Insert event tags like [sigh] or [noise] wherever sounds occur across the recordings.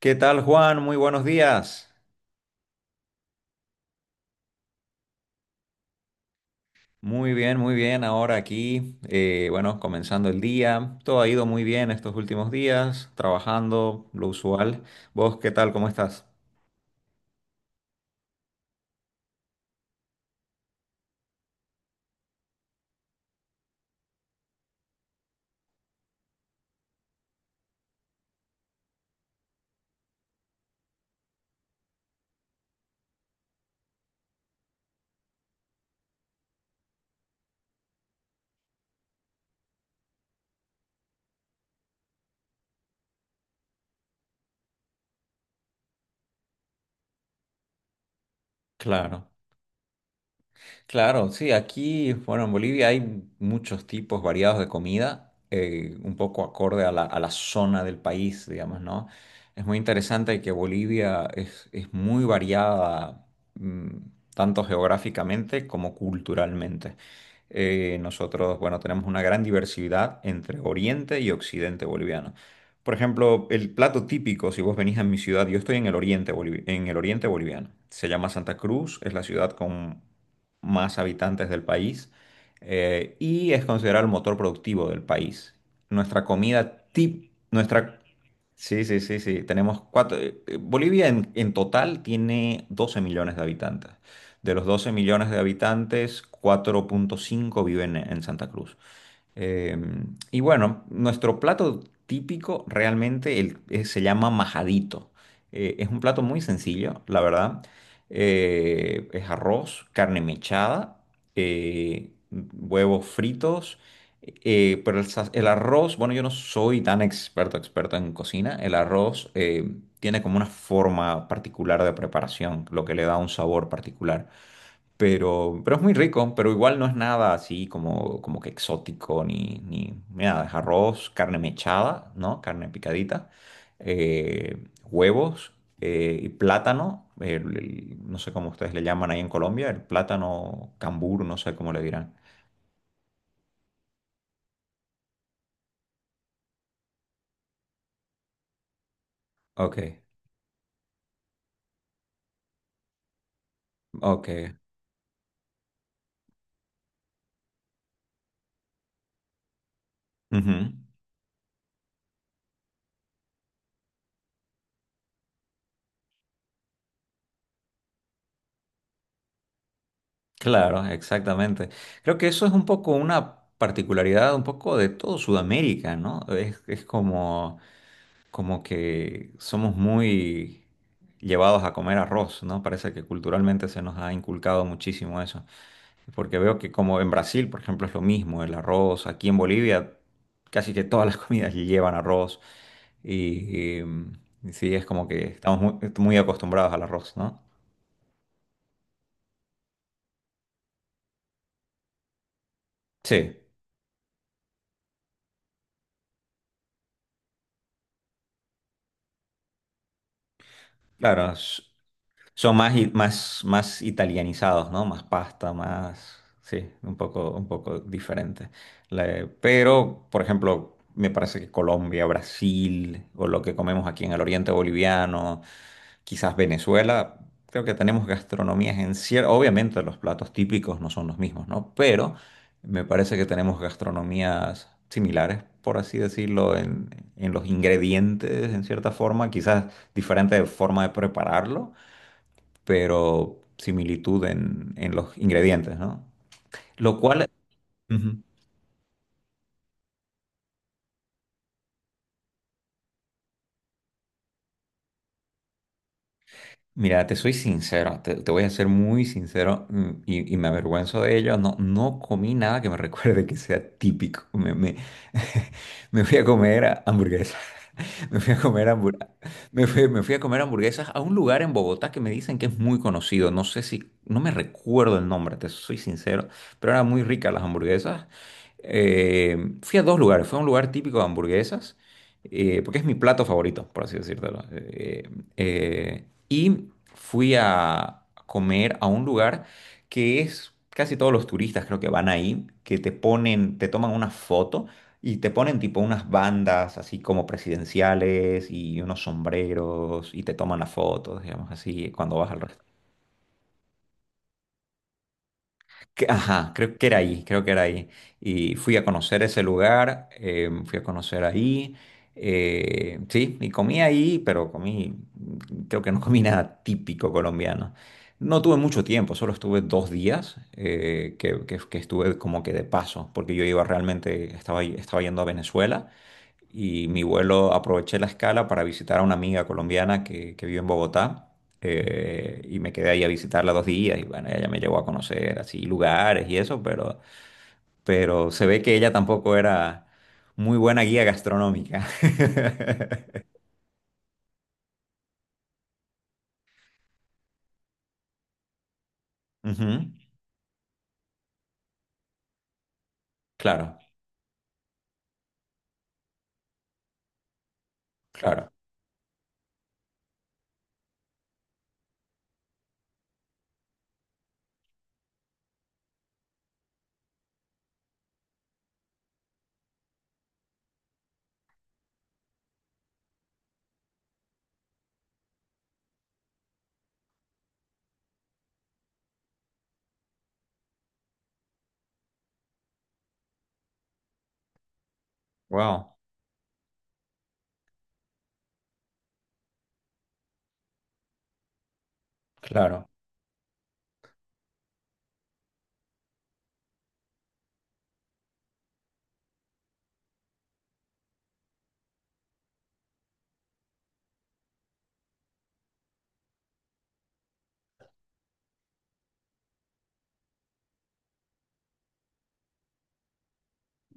¿Qué tal, Juan? Muy buenos días. Muy bien, muy bien. Ahora aquí, bueno, comenzando el día. Todo ha ido muy bien estos últimos días, trabajando, lo usual. ¿Vos qué tal? ¿Cómo estás? Claro. Claro, sí, aquí, bueno, en Bolivia hay muchos tipos variados de comida, un poco acorde a la zona del país, digamos, ¿no? Es muy interesante que Bolivia es muy variada, mm, tanto geográficamente como culturalmente. Nosotros, bueno, tenemos una gran diversidad entre Oriente y Occidente boliviano. Por ejemplo, el plato típico, si vos venís a mi ciudad, yo estoy en el oriente, en el oriente boliviano. Se llama Santa Cruz, es la ciudad con más habitantes del país, y es considerado el motor productivo del país. Nuestra... Sí, sí, sí, sí. Tenemos cuatro... Bolivia en total tiene 12 millones de habitantes. De los 12 millones de habitantes, 4.5 viven en Santa Cruz. Eh, y bueno, nuestro plato típico realmente se llama majadito. Es un plato muy sencillo, la verdad. Es arroz, carne mechada, huevos fritos. Pero el arroz, bueno, yo no soy tan experto, experto en cocina. El arroz tiene como una forma particular de preparación, lo que le da un sabor particular. Pero es muy rico, pero igual no es nada así como, como que exótico ni, ni nada. Es arroz, carne mechada, ¿no? Carne picadita, eh, huevos y plátano. No sé cómo ustedes le llaman ahí en Colombia, el plátano cambur, no sé cómo le dirán. Ok, ok. Ujú. Claro, exactamente. Creo que eso es un poco una particularidad un poco de todo Sudamérica, ¿no? Es como... como que somos muy llevados a comer arroz, ¿no? Parece que culturalmente se nos ha inculcado muchísimo eso. Porque veo que como en Brasil, por ejemplo, es lo mismo, el arroz, aquí en Bolivia casi que todas las [laughs] comidas llevan arroz y, y, mm, sí, es como que estamos muy, muy acostumbrados al arroz, ¿no? Sí, claro, son más, más, más italianizados, ¿no? Más pasta, más... Sí, un poco diferente. La- pero, por ejemplo, me parece que Colombia, Brasil, o lo que comemos aquí en el oriente boliviano, quizás Venezuela, creo que tenemos gastronomías en cierto... Obviamente los platos típicos no son los mismos, ¿no? Pero me parece que tenemos gastronomías similares, por así decirlo, en los ingredientes, en cierta forma, quizás diferente forma de prepararlo, pero similitud en los ingredientes, ¿no? Lo cual, ujú, mira, te soy sincero, te voy a ser muy sincero, y me avergüenzo de ello, no, no comí nada que me [laughs] recuerde que sea típico, [laughs] me fui a comer hamburguesa. [laughs] Me fui a comer hamburguesas. Me fui a comer hamburguesas a un lugar en Bogotá que me dicen que es muy conocido. No sé si, no me recuerdo el nombre, te soy sincero, pero eran muy ricas las hamburguesas. Fui a dos lugares. Fue a un lugar típico de hamburguesas, porque es mi plato favorito, por así decírtelo. Y fui a comer a un lugar que es casi todos los turistas creo que van ahí, que te ponen, te toman una foto y te ponen tipo unas bandas así como presidenciales y unos sombreros y te toman las fotos, digamos así, cuando vas al restaurante. Ajá, creo que era ahí, creo que era ahí. Y fui a conocer ese lugar, fui a conocer ahí. Sí, y comí ahí, pero comí, creo que no comí [laughs] nada típico colombiano. No tuve mucho tiempo, solo estuve 2 días, que estuve como que de paso, porque yo iba realmente, estaba yendo a Venezuela y mi vuelo aproveché la escala para visitar a una amiga colombiana que vive en Bogotá, y me quedé ahí a visitarla 2 días y bueno, ella me llevó a conocer así lugares y eso, pero se ve que ella tampoco era muy buena guía gastronómica. [laughs] Ujú, claro, claro. Wow, claro.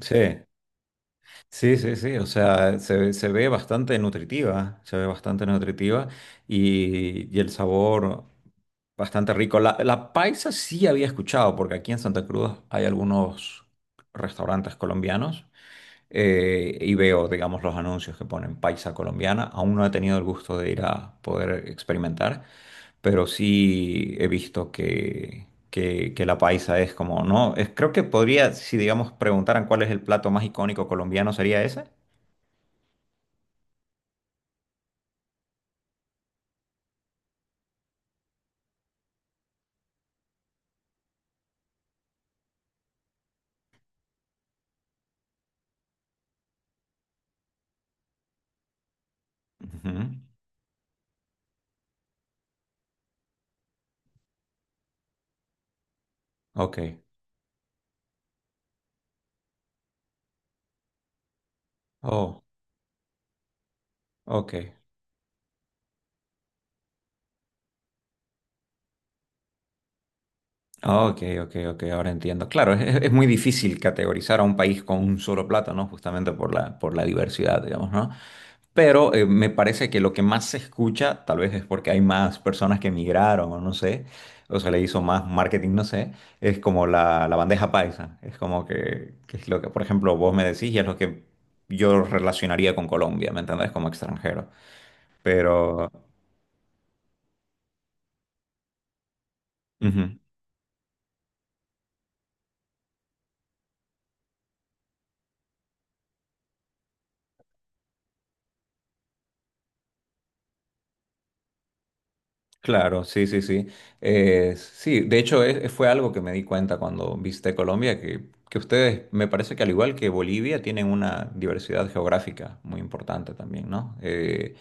Sí, sí, sí, sí. O sea, se ve bastante nutritiva, se ve bastante nutritiva y el sabor. Bastante rico. La paisa sí había escuchado, porque aquí en Santa Cruz hay algunos restaurantes colombianos, y veo, digamos, los anuncios que ponen paisa colombiana. Aún no he tenido el gusto de ir a poder experimentar, pero sí he visto que, que la paisa es como, ¿no? Es, creo que podría, si digamos preguntaran cuál es el plato más icónico colombiano, sería ese. Ujú. Ok. Oh, ok. Ok, ok, ok, ahora entiendo. Claro, es muy difícil categorizar a un país con un solo plato, ¿no? Justamente por la diversidad, digamos, ¿no? Pero me parece que lo que más se escucha, tal vez es porque hay más personas que emigraron o no sé, o se le hizo más marketing, no sé, es como la bandeja paisa. Es como que es lo que, por ejemplo, vos me decís y es lo que yo relacionaría con Colombia, ¿me entendés? Como extranjero. Pero... ujú. Claro, sí, sí, sí. Sí, de hecho fue algo que me di cuenta cuando visité Colombia, que ustedes, me parece que al igual que Bolivia, tienen una diversidad geográfica muy importante también, ¿no?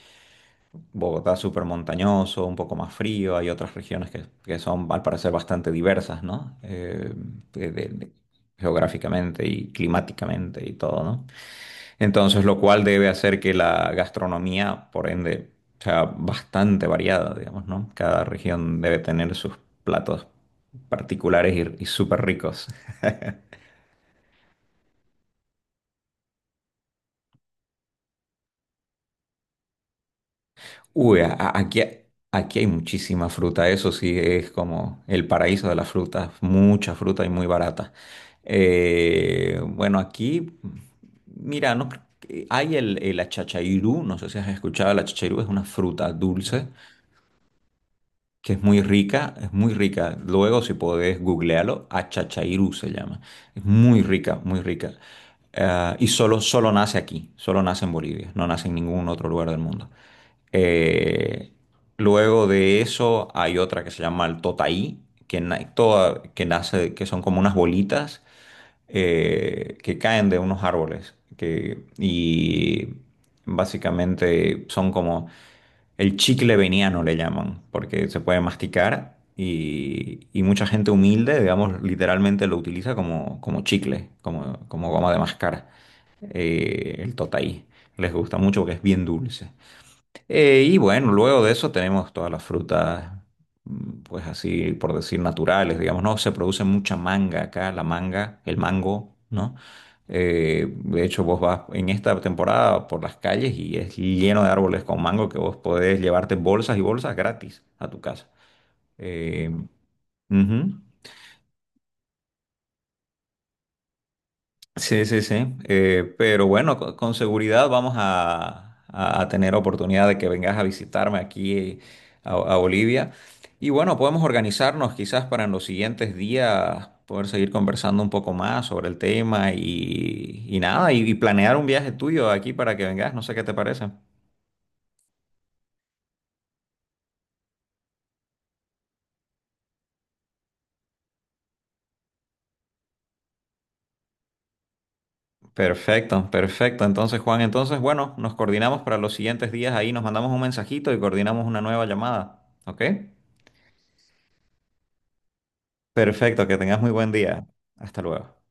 Bogotá es súper montañoso, un poco más frío, hay otras regiones que son al parecer bastante diversas, ¿no? De- de- geográficamente y climáticamente y todo, ¿no? Entonces, lo cual debe hacer que la gastronomía, por ende, sea bastante variada, digamos, ¿no? Cada región debe tener sus platos particulares y súper ricos. Uy, aquí, aquí hay muchísima fruta, eso sí es como el paraíso de las frutas, mucha fruta y muy barata. Bueno, aquí, mira, no, hay el achachairú, no sé si has escuchado, el achachairú es una fruta dulce que es muy rica, es muy rica. Luego, si podés googlearlo, Achachairú se llama. Es muy rica, muy rica. Y solo, solo nace aquí, solo nace en Bolivia, no nace en ningún otro lugar del mundo. Eh, Luego de eso hay otra que se llama el totaí, que nace, que son como unas bolitas que caen de unos árboles, que, y básicamente son como... El chicle veniano le llaman, porque se puede masticar y mucha gente humilde, digamos, literalmente lo utiliza como, como chicle, como, como goma de mascar. El totaí. Les gusta mucho porque es bien dulce. Y bueno, luego de eso tenemos todas las frutas, pues así por decir naturales, digamos, ¿no? Se produce mucha manga acá, la manga, el mango, ¿no? De hecho, vos vas en esta temporada por las calles y es lleno de árboles con mango que vos podés llevarte bolsas y bolsas gratis a tu casa. Eh, ujú. Sí, sí, sí. Pero bueno, con seguridad vamos a, a tener oportunidad de que vengas a visitarme aquí, a Bolivia. Y bueno, podemos organizarnos quizás para en los siguientes días poder seguir conversando un poco más sobre el tema y nada, y planear un viaje tuyo aquí para que vengas. No sé qué te parece. Perfecto, perfecto. Entonces, Juan, entonces, bueno, nos coordinamos para los siguientes días ahí, nos mandamos un mensajito y coordinamos una nueva llamada. ¿Ok? Perfecto, que tengas muy buen día. Hasta luego.